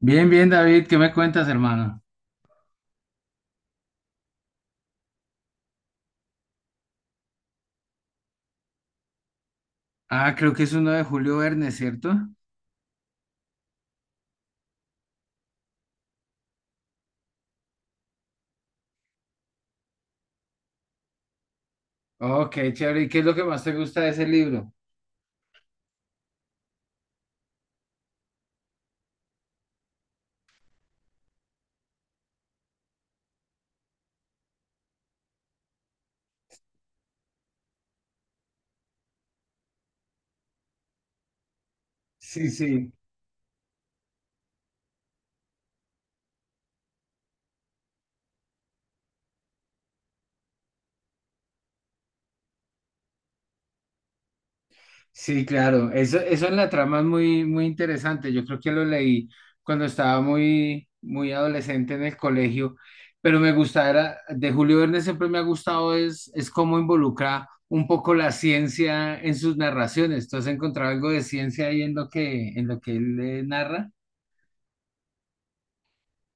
Bien, bien, David, ¿qué me cuentas, hermano? Ah, creo que es uno de Julio Verne, ¿cierto? Oh, qué chévere. ¿Y qué es lo que más te gusta de ese libro? Sí, sí, sí, claro. Eso en la trama es muy, muy interesante. Yo creo que lo leí cuando estaba muy, muy adolescente en el colegio, pero me gustaba, de Julio Verne siempre me ha gustado es cómo involucra un poco la ciencia en sus narraciones. ¿Tú has encontrado algo de ciencia ahí en lo que él narra?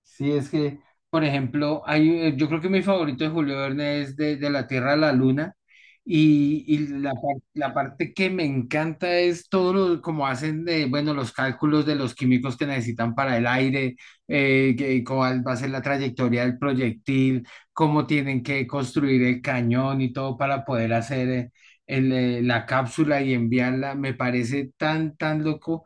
Sí, es que, por ejemplo, hay, yo creo que mi favorito de Julio Verne es de La Tierra a la Luna y la parte que me encanta es todo lo, como hacen de, bueno, los cálculos de los químicos que necesitan para el aire, cuál va a ser la trayectoria del proyectil, cómo tienen que construir el cañón y todo para poder hacer la cápsula y enviarla. Me parece tan, tan loco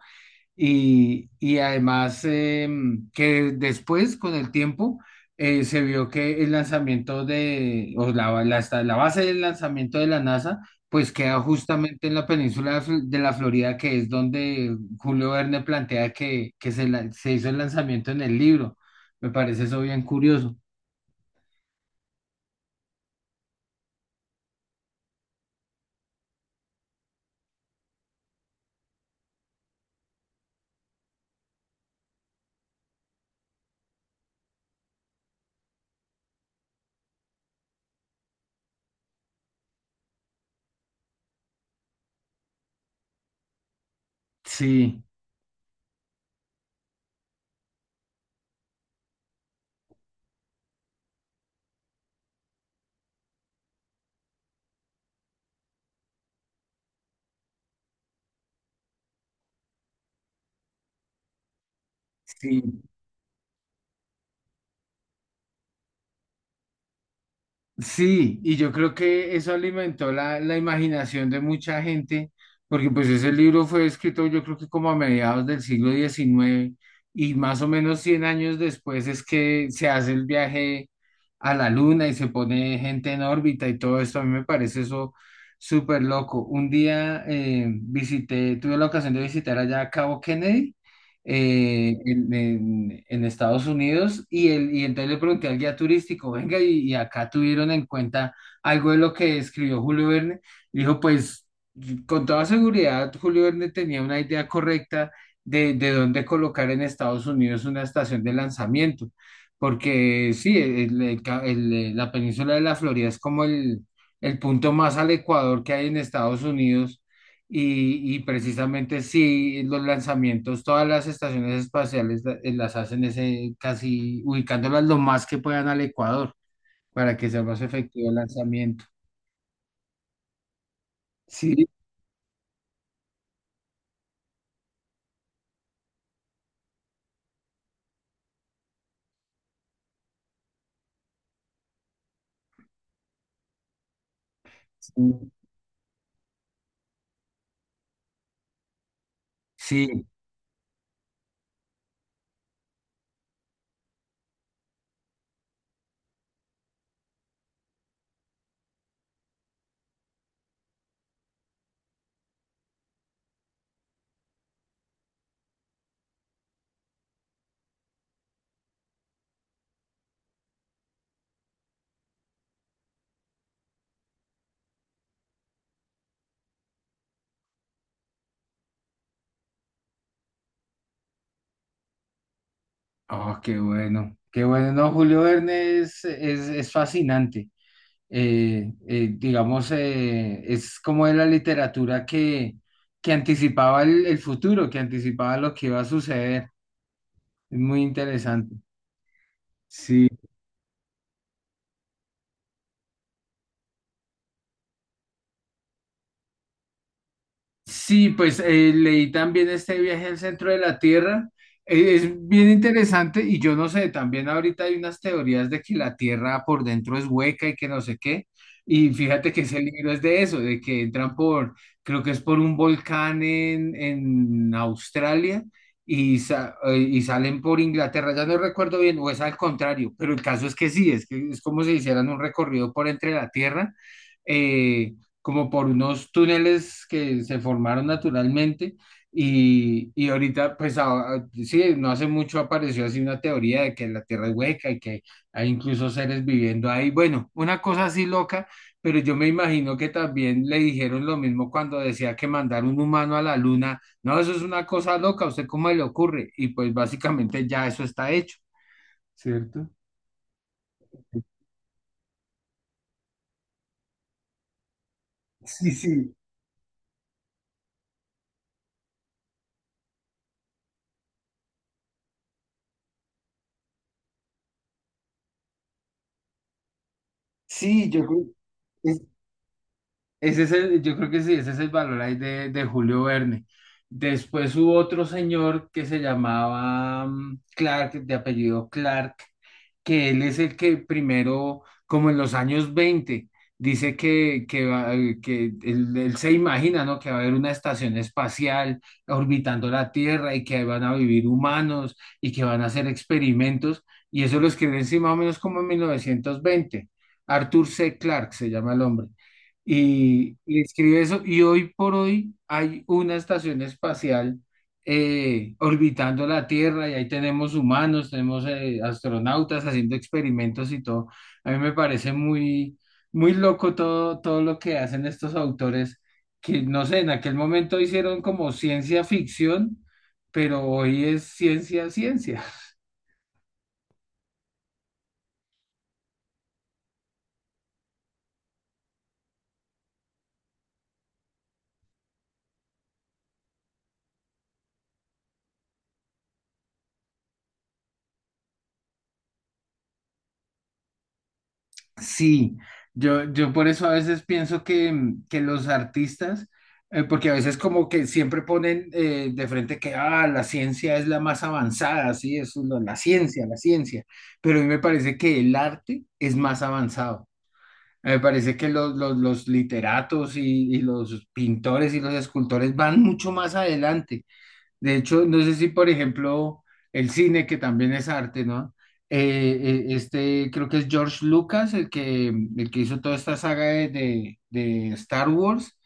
y además que después, con el tiempo, se vio que el lanzamiento o la base del lanzamiento de la NASA, pues queda justamente en la península de la Florida, que es donde Julio Verne plantea que se hizo el lanzamiento en el libro. Me parece eso bien curioso. Sí. Sí. Sí, y yo creo que eso alimentó la imaginación de mucha gente, porque pues ese libro fue escrito yo creo que como a mediados del siglo XIX y más o menos 100 años después es que se hace el viaje a la luna y se pone gente en órbita y todo esto. A mí me parece eso súper loco. Un día visité, tuve la ocasión de visitar allá a Cabo Kennedy en Estados Unidos y entonces le pregunté al guía turístico, venga, y acá tuvieron en cuenta algo de lo que escribió Julio Verne. Dijo, pues con toda seguridad, Julio Verne tenía una idea correcta de dónde colocar en Estados Unidos una estación de lanzamiento, porque sí, la península de la Florida es como el punto más al Ecuador que hay en Estados Unidos y precisamente sí los lanzamientos, todas las estaciones espaciales las hacen ese, casi ubicándolas lo más que puedan al Ecuador para que sea más efectivo el lanzamiento. Sí, sí, sí. Oh, qué bueno, qué bueno. No, Julio Verne es fascinante. Digamos, es como de la literatura que anticipaba el futuro, que anticipaba lo que iba a suceder. Es muy interesante. Sí. Sí, pues leí también este viaje al centro de la Tierra. Es bien interesante y yo no sé, también ahorita hay unas teorías de que la Tierra por dentro es hueca y que no sé qué. Y fíjate que ese libro es de eso, de que entran creo que es por un volcán en Australia y salen por Inglaterra. Ya no recuerdo bien, o es al contrario, pero el caso es que sí, es que es como si hicieran un recorrido por entre la Tierra. eh, Como por unos túneles que se formaron naturalmente y ahorita, pues sí, no hace mucho apareció así una teoría de que la Tierra es hueca y que hay incluso seres viviendo ahí. Bueno, una cosa así loca, pero yo me imagino que también le dijeron lo mismo cuando decía que mandar un humano a la luna, no, eso es una cosa loca, ¿a usted cómo le ocurre? Y pues básicamente ya eso está hecho, ¿cierto? Sí, sí, sí, yo creo. Ese es el, yo creo que sí, ese es el valor ahí de Julio Verne. Después hubo otro señor que se llamaba Clark, de apellido Clark, que él es el que primero, como en los años 20 dice que él se imagina, ¿no? Que va a haber una estación espacial orbitando la Tierra y que ahí van a vivir humanos y que van a hacer experimentos. Y eso lo escribe encima más o menos como en 1920. Arthur C. Clarke se llama el hombre y escribe eso. Y hoy por hoy hay una estación espacial orbitando la Tierra y ahí tenemos humanos, tenemos astronautas haciendo experimentos y todo. A mí me parece muy, muy loco todo, todo lo que hacen estos autores que, no sé, en aquel momento hicieron como ciencia ficción, pero hoy es ciencia, ciencia. Sí, yo por eso a veces pienso que, que los artistas, porque a veces como que siempre ponen de frente que la ciencia es la más avanzada, sí, eso es la ciencia, pero a mí me parece que el arte es más avanzado. Me parece que los literatos y los pintores y los escultores van mucho más adelante. De hecho, no sé si, por ejemplo, el cine, que también es arte, ¿no? Creo que es George Lucas, el que hizo toda esta saga de Star Wars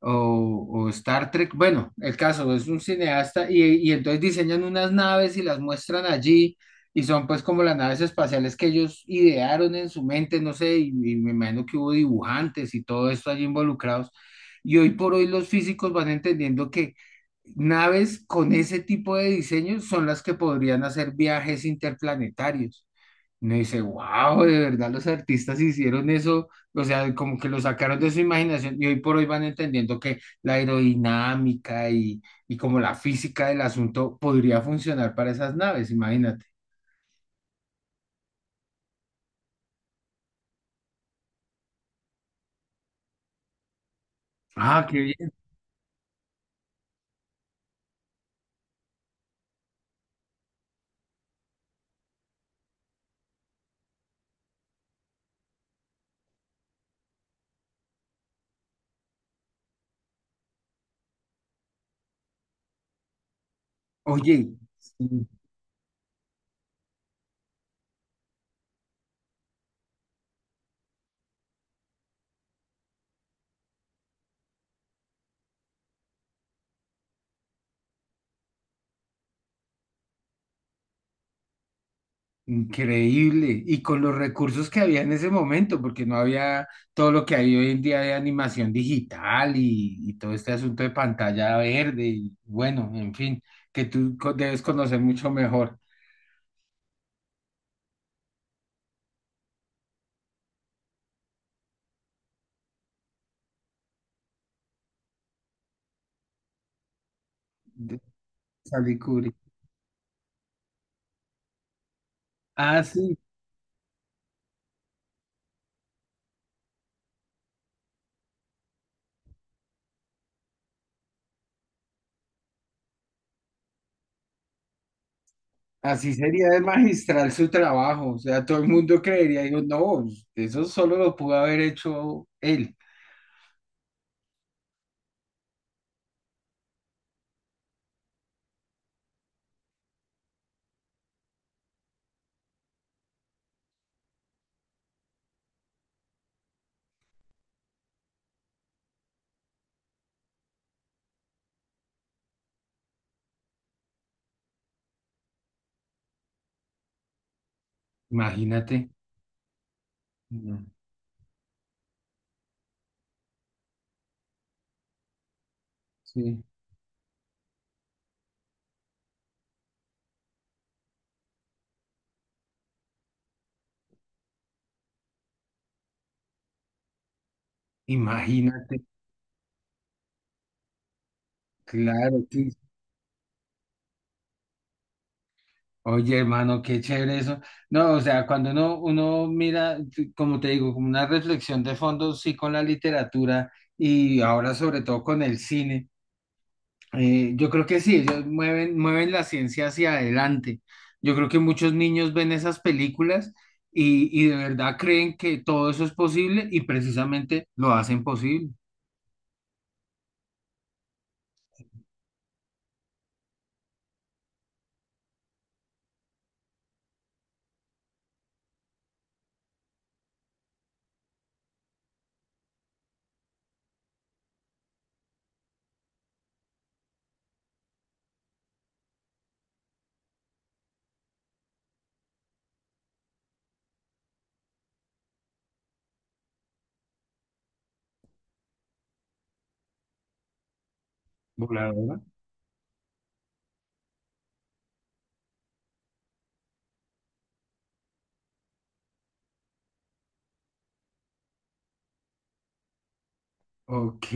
o Star Trek. Bueno, el caso es un cineasta y entonces diseñan unas naves y las muestran allí y son pues como las naves espaciales que ellos idearon en su mente, no sé, y me imagino que hubo dibujantes y todo esto allí involucrados. Y hoy por hoy los físicos van entendiendo que naves con ese tipo de diseño son las que podrían hacer viajes interplanetarios. Uno dice, wow, de verdad los artistas hicieron eso, o sea, como que lo sacaron de su imaginación y hoy por hoy van entendiendo que la aerodinámica y como la física del asunto podría funcionar para esas naves, imagínate. Ah, qué bien. Oye, increíble. Y con los recursos que había en ese momento, porque no había todo lo que hay hoy en día de animación digital y todo este asunto de pantalla verde. Y bueno, en fin, que tú debes conocer mucho mejor de Stanley Kubrick. Ah, sí, así sería de magistral su trabajo. O sea, todo el mundo creería, digo, no, pues, eso solo lo pudo haber hecho él. Imagínate. No, sí, imagínate. Claro, sí. Oye, hermano, qué chévere eso. No, o sea, cuando uno mira, como te digo, como una reflexión de fondo, sí, con la literatura y ahora sobre todo con el cine, yo creo que sí, ellos mueven la ciencia hacia adelante. Yo creo que muchos niños ven esas películas y de verdad creen que todo eso es posible y precisamente lo hacen posible. Voladora. Ok,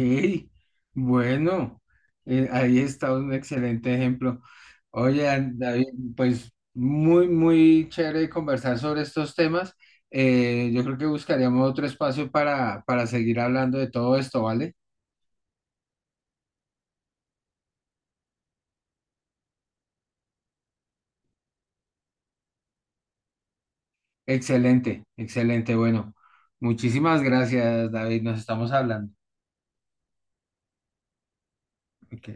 bueno, ahí está un excelente ejemplo. Oye, David, pues muy, muy chévere conversar sobre estos temas. Yo creo que buscaríamos otro espacio para seguir hablando de todo esto, ¿vale? Excelente, excelente. Bueno, muchísimas gracias, David. Nos estamos hablando. Ok.